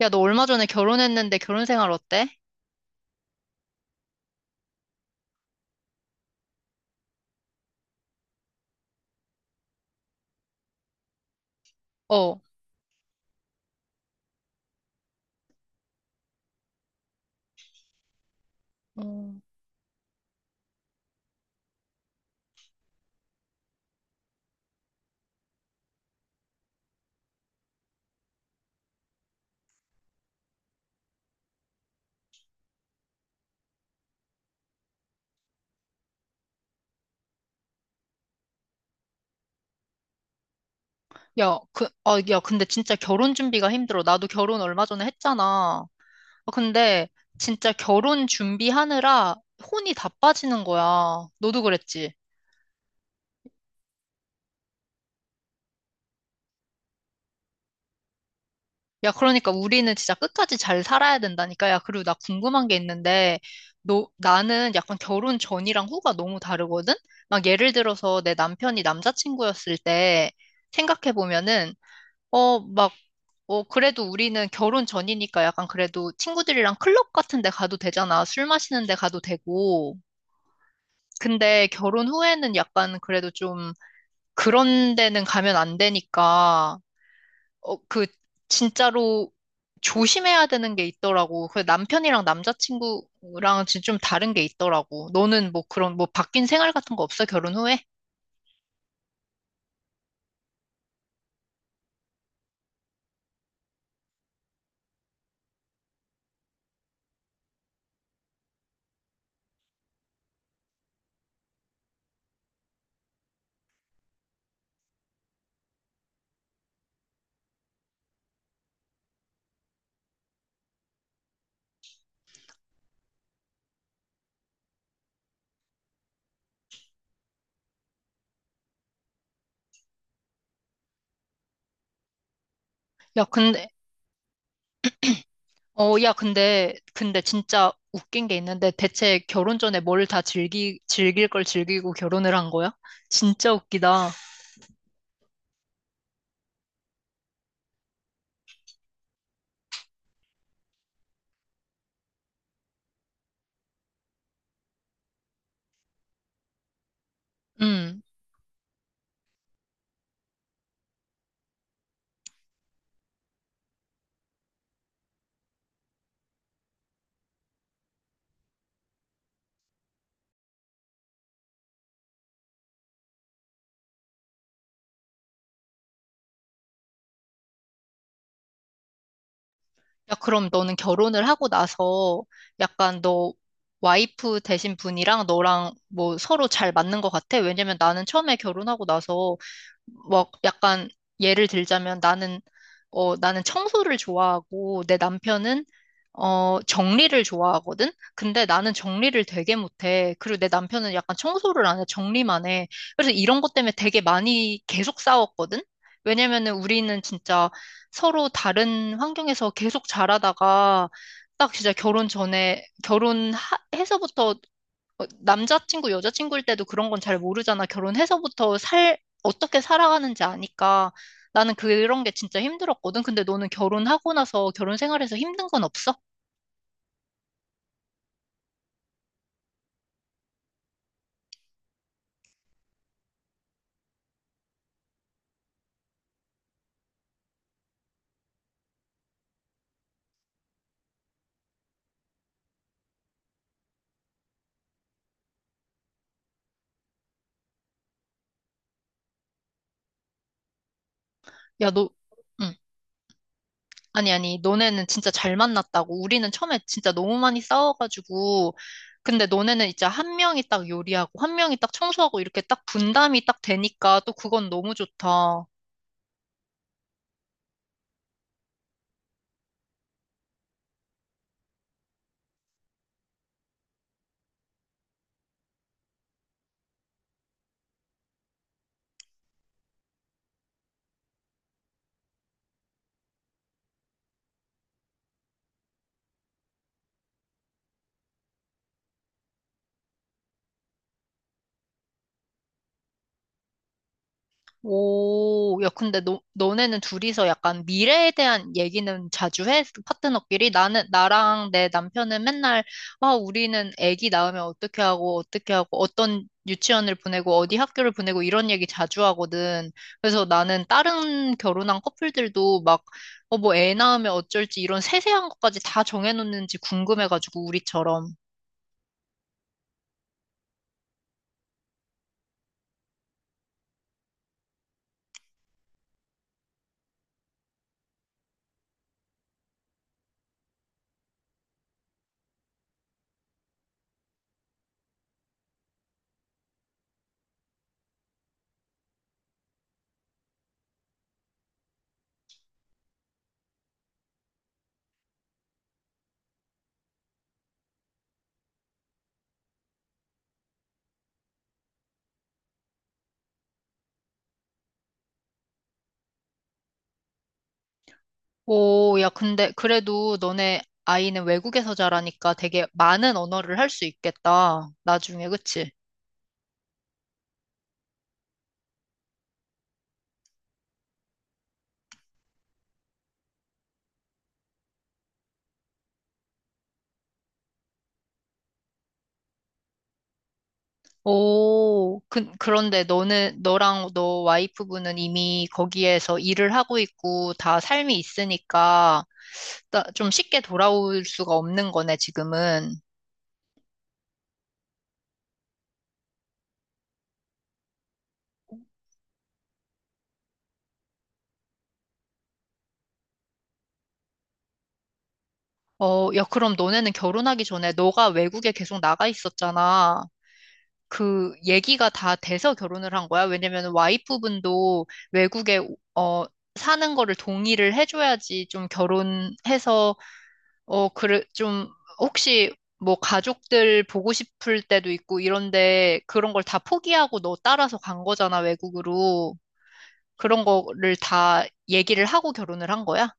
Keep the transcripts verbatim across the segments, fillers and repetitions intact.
야, 너 얼마 전에 결혼했는데 결혼 생활 어때? 어. 어. 야, 그, 아, 야, 근데 진짜 결혼 준비가 힘들어. 나도 결혼 얼마 전에 했잖아. 아, 근데 진짜 결혼 준비하느라 혼이 다 빠지는 거야. 너도 그랬지? 야, 그러니까 우리는 진짜 끝까지 잘 살아야 된다니까. 야, 그리고 나 궁금한 게 있는데, 너, 나는 약간 결혼 전이랑 후가 너무 다르거든? 막 예를 들어서 내 남편이 남자친구였을 때 생각해보면은, 어, 막, 어, 그래도 우리는 결혼 전이니까 약간 그래도 친구들이랑 클럽 같은 데 가도 되잖아. 술 마시는 데 가도 되고. 근데 결혼 후에는 약간 그래도 좀 그런 데는 가면 안 되니까, 어, 그, 진짜로 조심해야 되는 게 있더라고. 그 남편이랑 남자친구랑 진짜 좀 다른 게 있더라고. 너는 뭐 그런, 뭐 바뀐 생활 같은 거 없어? 결혼 후에? 야, 근데 어, 야, 근데, 근데 진짜 웃긴 게 있는데 대체 결혼 전에 뭘 다 즐기, 즐길 걸 즐기고 결혼을 한 거야? 진짜 웃기다. 음. 야, 그럼 너는 결혼을 하고 나서 약간 너 와이프 되신 분이랑 너랑 뭐 서로 잘 맞는 것 같아? 왜냐면 나는 처음에 결혼하고 나서 막 약간 예를 들자면 나는 어 나는 청소를 좋아하고 내 남편은 어 정리를 좋아하거든. 근데 나는 정리를 되게 못해. 그리고 내 남편은 약간 청소를 안 해, 정리만 해. 그래서 이런 것 때문에 되게 많이 계속 싸웠거든. 왜냐면은 우리는 진짜 서로 다른 환경에서 계속 자라다가 딱 진짜 결혼 전에 결혼해서부터 남자친구 여자친구일 때도 그런 건 잘 모르잖아. 결혼해서부터 살 어떻게 살아가는지 아니까 나는 그런 게 진짜 힘들었거든. 근데 너는 결혼하고 나서 결혼 생활에서 힘든 건 없어? 야, 너 응. 아니, 아니, 너네는 진짜 잘 만났다고. 우리는 처음에 진짜 너무 많이 싸워가지고. 근데 너네는 이제 한 명이 딱 요리하고, 한 명이 딱 청소하고, 이렇게 딱 분담이 딱 되니까 또 그건 너무 좋다. 오, 야, 근데 너, 너네는 둘이서 약간 미래에 대한 얘기는 자주 해? 파트너끼리? 나는, 나랑 내 남편은 맨날, 아, 우리는 아기 낳으면 어떻게 하고, 어떻게 하고, 어떤 유치원을 보내고, 어디 학교를 보내고, 이런 얘기 자주 하거든. 그래서 나는 다른 결혼한 커플들도 막, 어, 뭐 애 낳으면 어쩔지, 이런 세세한 것까지 다 정해놓는지 궁금해가지고, 우리처럼. 오, 야, 근데 그래도 너네 아이는 외국에서 자라니까 되게 많은 언어를 할 수 있겠다. 나중에, 그치? 오, 그, 그런데 너는, 너랑 너 와이프분은 이미 거기에서 일을 하고 있고 다 삶이 있으니까 나- 좀 쉽게 돌아올 수가 없는 거네, 지금은. 어, 야, 그럼 너네는 결혼하기 전에 너가 외국에 계속 나가 있었잖아. 그 얘기가 다 돼서 결혼을 한 거야? 왜냐면 와이프분도 외국에 어 사는 거를 동의를 해줘야지 좀 결혼해서 어 그래 좀 혹시 뭐 가족들 보고 싶을 때도 있고 이런데 그런 걸 다 포기하고 너 따라서 간 거잖아, 외국으로. 그런 거를 다 얘기를 하고 결혼을 한 거야?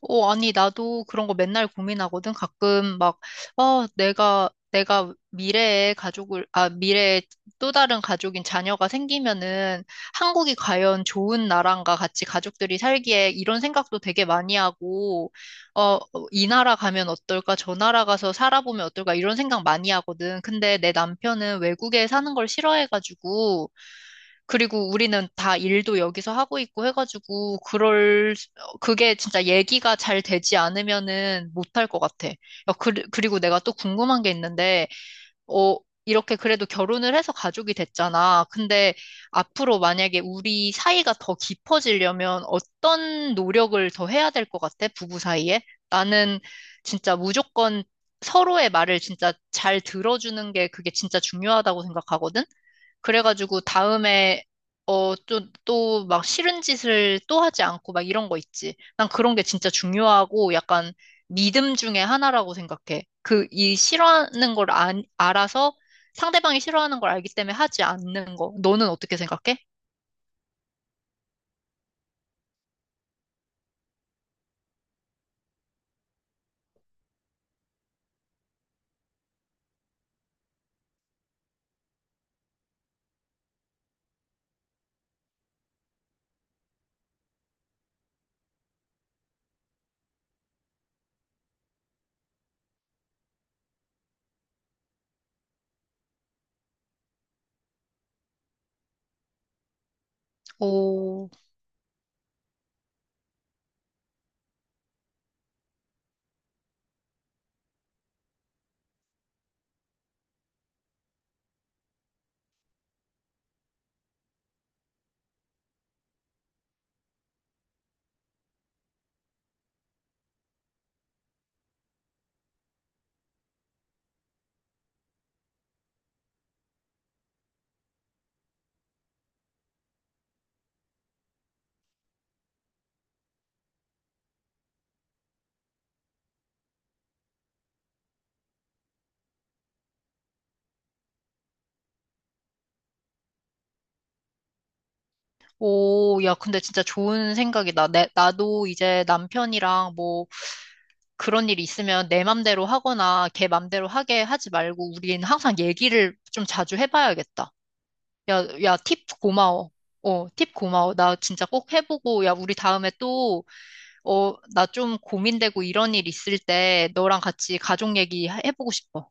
어, 아니, 나도 그런 거 맨날 고민하거든. 가끔 막, 어, 내가, 내가 미래에 가족을, 아, 미래에 또 다른 가족인 자녀가 생기면은 한국이 과연 좋은 나라인가 같이 가족들이 살기에 이런 생각도 되게 많이 하고, 어, 어, 이 나라 가면 어떨까? 저 나라 가서 살아보면 어떨까? 이런 생각 많이 하거든. 근데 내 남편은 외국에 사는 걸 싫어해가지고, 그리고 우리는 다 일도 여기서 하고 있고 해가지고, 그럴, 수- 어, 그게 진짜 얘기가 잘 되지 않으면은 못할 것 같아. 어, 그, 그리고 내가 또 궁금한 게 있는데, 어, 이렇게 그래도 결혼을 해서 가족이 됐잖아. 근데 앞으로 만약에 우리 사이가 더 깊어지려면 어떤 노력을 더 해야 될 것 같아? 부부 사이에? 나는 진짜 무조건 서로의 말을 진짜 잘 들어주는 게 그게 진짜 중요하다고 생각하거든? 그래가지고 다음에 어, 또, 막 싫은 짓을 또 하지 않고 막 이런 거 있지. 난 그런 게 진짜 중요하고 약간 믿음 중에 하나라고 생각해. 그, 이 싫어하는 걸 안, 알아서 상대방이 싫어하는 걸 알기 때문에 하지 않는 거. 너는 어떻게 생각해? 오, 오, 야, 근데 진짜 좋은 생각이다. 내, 나도 이제 남편이랑 뭐 그런 일이 있으면 내 맘대로 하거나 걔 맘대로 하게 하지 말고 우린 항상 얘기를 좀 자주 해봐야겠다. 야, 야, 팁 고마워. 어, 팁 고마워. 나 진짜 꼭 해보고, 야, 우리 다음에 또, 어, 나 좀 고민되고 이런 일 있을 때 너랑 같이 가족 얘기 해- 해보고 싶어.